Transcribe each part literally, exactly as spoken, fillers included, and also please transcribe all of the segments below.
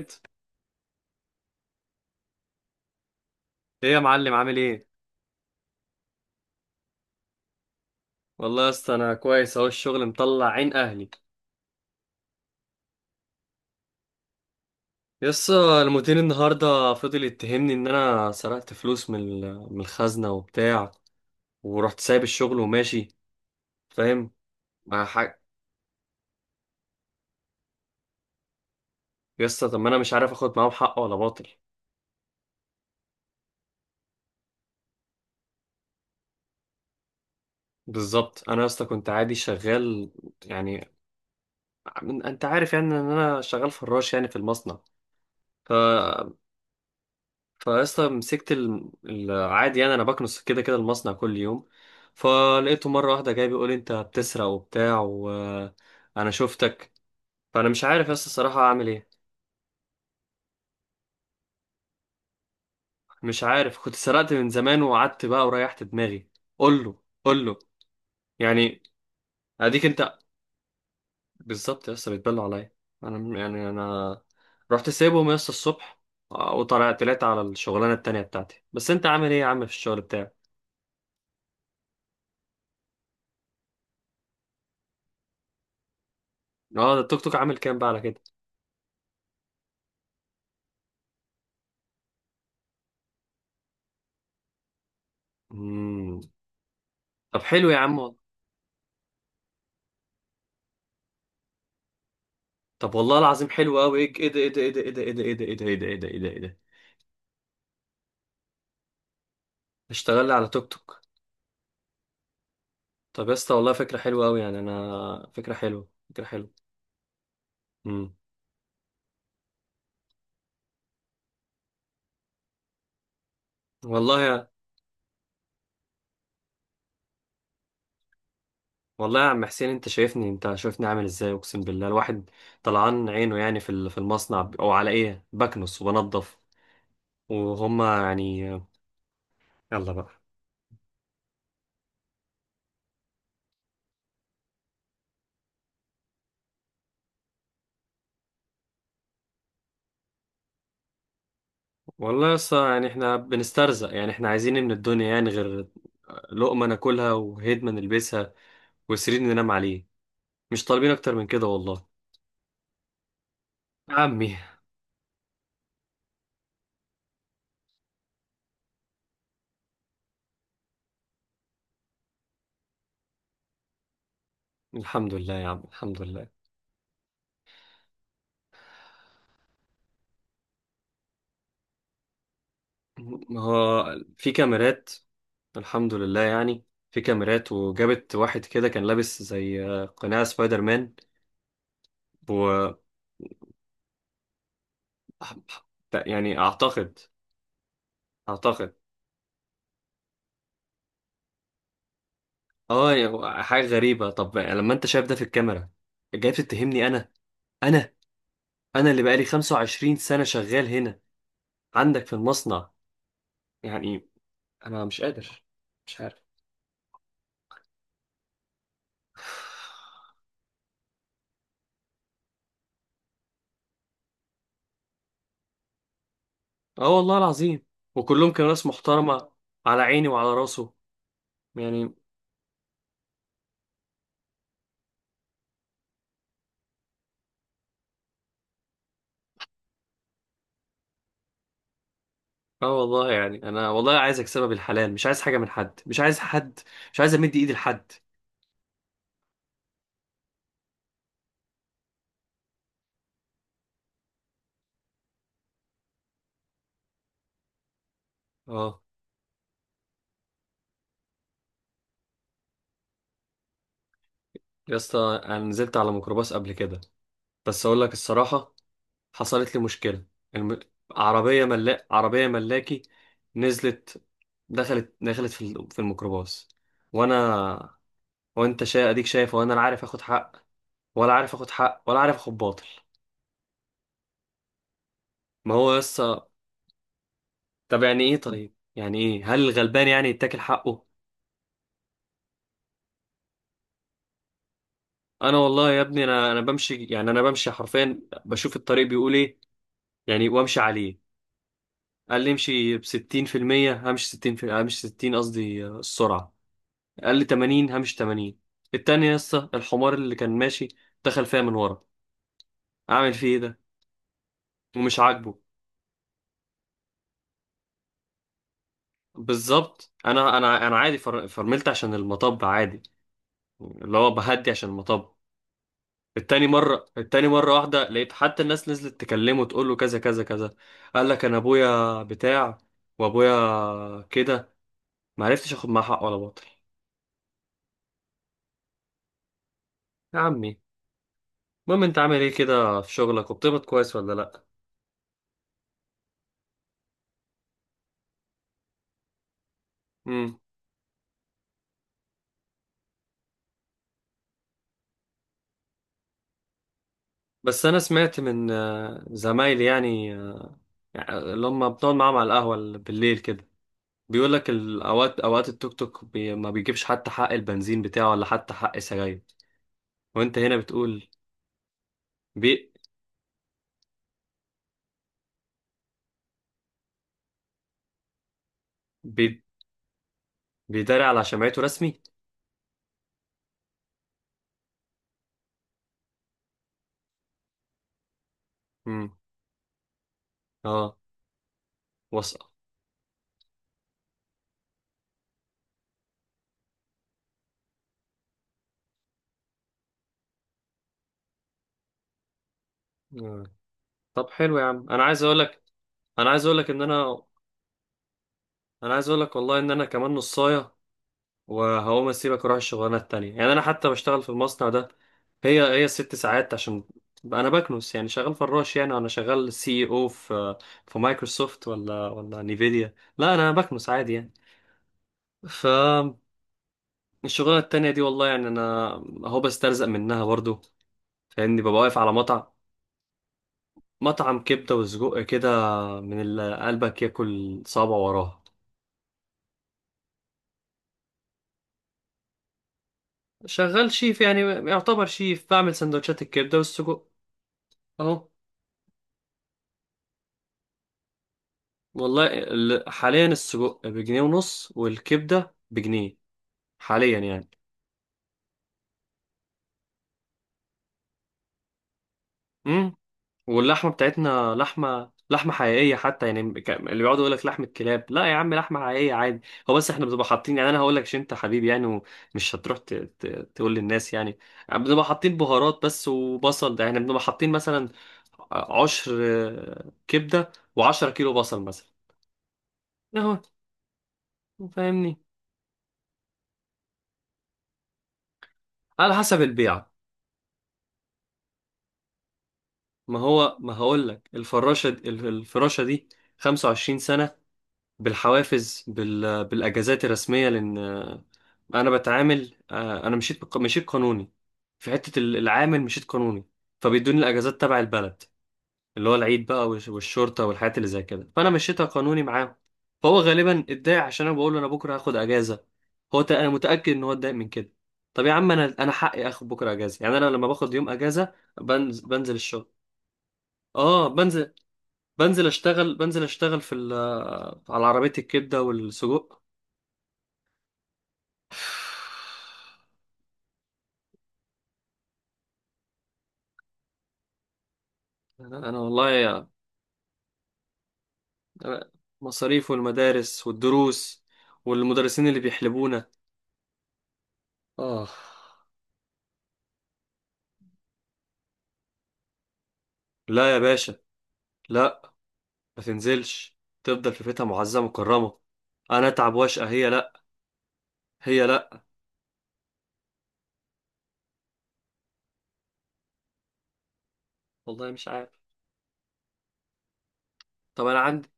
ايه؟ يا معلم عامل ايه؟ والله يا اسطى انا كويس اهو، الشغل مطلع عين اهلي. يا اسطى المدير النهارده فضل يتهمني ان انا سرقت فلوس من ال- من الخزنه وبتاع، ورحت سايب الشغل وماشي، فاهم؟ مع حق. يا اسطى طب ما انا مش عارف اخد معاهم حق ولا باطل. بالظبط انا يا اسطى كنت عادي شغال، يعني انت عارف يعني ان انا شغال فراش يعني في المصنع. ف فاصلا مسكت ال- العادي، يعني انا بكنس كده كده المصنع كل يوم. فلقيته مره واحده جاي بيقول انت بتسرق وبتاع وانا شفتك. فانا مش عارف يا اسطى الصراحه اعمل ايه. مش عارف، كنت سرقت من زمان وقعدت بقى وريحت دماغي. قول له قول له يعني اديك انت. بالظبط يا اسطى بيتبلوا عليا. انا يعني انا رحت سايبهم يا اسطى الصبح، آه، وطلعت طلعت على الشغلانه التانيه بتاعتي. بس انت عامل ايه يا عم في الشغل بتاعك؟ اه ده التوك توك عامل كام بقى على كده؟ طب حلو يا عم والله. طب والله العظيم حلو قوي. ايه إيه ده ايه ده ايه ده ايه ده ايه ده ايه ده ايه ده ايه ده ايه ده ايه ده ايه ده! اشتغل لي على توك توك. طب يا اسطى والله فكره حلوه قوي، يعني انا فكره حلوه فكره حلوه امم والله يا، والله يا عم حسين، انت شايفني، انت شايفني عامل ازاي؟ اقسم بالله الواحد طلعان عينه يعني في ال- في المصنع، او على ايه؟ بكنس وبنضف، وهما يعني... يلا بقى. والله يا اسطى يعني احنا بنسترزق، يعني احنا عايزين إيه من الدنيا يعني غير لقمه ناكلها، وهدمه نلبسها، وسرير ننام عليه؟ مش طالبين اكتر من كده والله. يا عمي. الحمد لله يا عم، الحمد لله. ما هو في كاميرات، الحمد لله يعني. في كاميرات وجابت واحد كده كان لابس زي قناع سبايدر مان. و يعني اعتقد اعتقد اه يعني حاجة غريبة، طب لما انت شايف ده في الكاميرا جاي تتهمني انا؟ انا انا اللي بقالي 25 سنة شغال هنا عندك في المصنع يعني، انا مش قادر. مش عارف. اه والله العظيم، وكلهم كانوا ناس محترمة، على عيني وعلى راسه يعني. اه والله يعني انا والله عايز اكسبها بالحلال، مش عايز حاجة من حد، مش عايز حد، مش عايز امد ايدي لحد. اه يا اسطى، انا نزلت على ميكروباص قبل كده، بس اقول لك الصراحة حصلت لي مشكلة. الم... عربية ملا... عربية ملاكي. نزلت، دخلت دخلت في ال- في الميكروباص وانا... وانت شا... اديك شايف، وانا لا عارف اخد حق، ولا عارف اخد حق ولا عارف اخد باطل. ما هو يس. طب يعني ايه؟ طيب يعني ايه هل الغلبان يعني يتاكل حقه؟ انا والله يا ابني، انا انا بمشي يعني، انا بمشي حرفيا، بشوف الطريق بيقول ايه يعني وامشي عليه. قال لي امشي ب ستين في المية، همشي ستين في همشي ستين قصدي آه، السرعه. قال لي تمانين، همشي تمانين. التاني يا اسطى الحمار اللي كان ماشي دخل فيا من ورا، اعمل فيه ايه ده؟ ومش عاجبه. بالظبط، انا انا انا عادي، فر- فرملت عشان المطب عادي، اللي هو بهدي عشان المطب. التاني مرة، التاني مرة واحدة لقيت حتى الناس نزلت تكلمه تقول له كذا كذا كذا. قال لك انا ابويا بتاع، وابويا كده، ما عرفتش اخد معاه حق ولا باطل. يا عمي. المهم انت عامل ايه كده في شغلك؟ وبتقبض كويس ولا لا؟ امم بس انا سمعت من آه، زمايلي يعني، آه، اللي هم بنقعد معاهم على القهوة بالليل كده، بيقول لك الاوقات، اوقات التوك توك بي ما بيجيبش حتى حق البنزين بتاعه ولا حتى حق سجاير. وانت هنا بتقول. بي بي بيداري على شمعته رسمي. مم. اه، وثقة. آه. طب حلو يا عم، انا عايز اقول لك، انا عايز اقول لك ان انا انا عايز اقول لك والله ان انا كمان نصايه، وهقوم اسيبك واروح الشغلانه التانية يعني. انا حتى بشتغل في المصنع ده هي هي ست ساعات عشان بقى انا بكنس، يعني شغال فراش، يعني انا شغال سي او في في مايكروسوفت ولا ولا نيفيديا؟ لا، انا بكنس عادي يعني. ف الشغلانه التانية دي والله يعني انا اهو بسترزق منها برضو، فاهمني؟ ببقى واقف على مطعم، مطعم كبدة وسجق كده، من اللي قلبك ياكل صابع وراها. شغال شيف يعني، يعتبر شيف، بعمل سندوتشات الكبدة والسجق اهو. والله ال- حاليا السجق بجنيه ونص والكبدة بجنيه، حاليا يعني. واللحمه بتاعتنا لحمه، لحمه حقيقيه حتى يعني، ك- اللي بيقعدوا يقول لك لحمه كلاب، لا يا عم، لحمه حقيقيه عادي. هو بس احنا بنبقى حاطين، يعني انا هقول لك عشان انت حبيبي يعني، ومش هتروح ت... ت... تقول للناس يعني، بنبقى حاطين بهارات بس وبصل. ده يعني بنبقى حاطين مثلا عشر آه، كبده و10 كيلو بصل مثلا. اهو فاهمني؟ على حسب البيعه. ما هو ما هقول لك، الفراشه ال- الفراشه دي 25 سنه، بالحوافز، بال... بالاجازات الرسميه، لان انا بتعامل، آه، انا مشيت بق- مشيت قانوني في حته ال- العامل، مشيت قانوني، فبيدوني الاجازات تبع البلد، اللي هو العيد بقى والش- والشرطه والحاجات اللي زي كده، فانا مشيتها قانوني معاهم. فهو غالبا اتضايق عشان انا بقول له انا بكره هاخد اجازه، هو تق- انا متاكد ان هو اتضايق من كده. طب يا عم انا انا حقي اخد بكره اجازه يعني، انا لما باخد يوم اجازه بنزل بنزل الشغل. اه، بنزل بنزل اشتغل، بنزل اشتغل في ال- على عربيه الكبده والسجق. انا أنا والله مصاريف، والمدارس والدروس، والمدرسين اللي بيحلبونا. آه. لا يا باشا، لا، ما تنزلش، تفضل في بيتها معزة مكرمة. أنا أتعب واشقى، هي لا، هي لا. والله مش عارف. طب أنا عندي.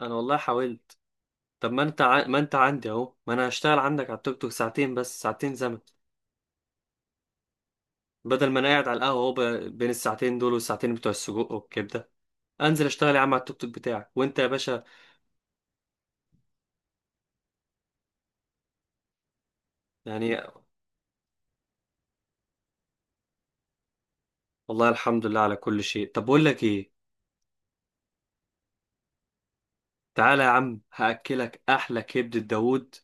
أنا والله حاولت. طب ما أنت ع... ما أنت عندي أهو، ما أنا هشتغل عندك على التوك توك ساعتين، بس ساعتين زمن، بدل ما أنا قاعد على القهوة أهو. ب... بين الساعتين دول والساعتين بتوع السجق والكبدة، أنزل أشتغل يا عم على التوك توك بتاعك وأنت يا باشا يعني. والله الحمد لله على كل شيء. طب بقول لك إيه، تعالى يا عم هأكلك أحلى كبدة داوود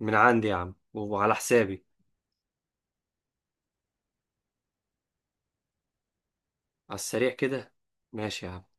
من عندي يا عم وعلى حسابي. على السريع كده. ماشي يا عم.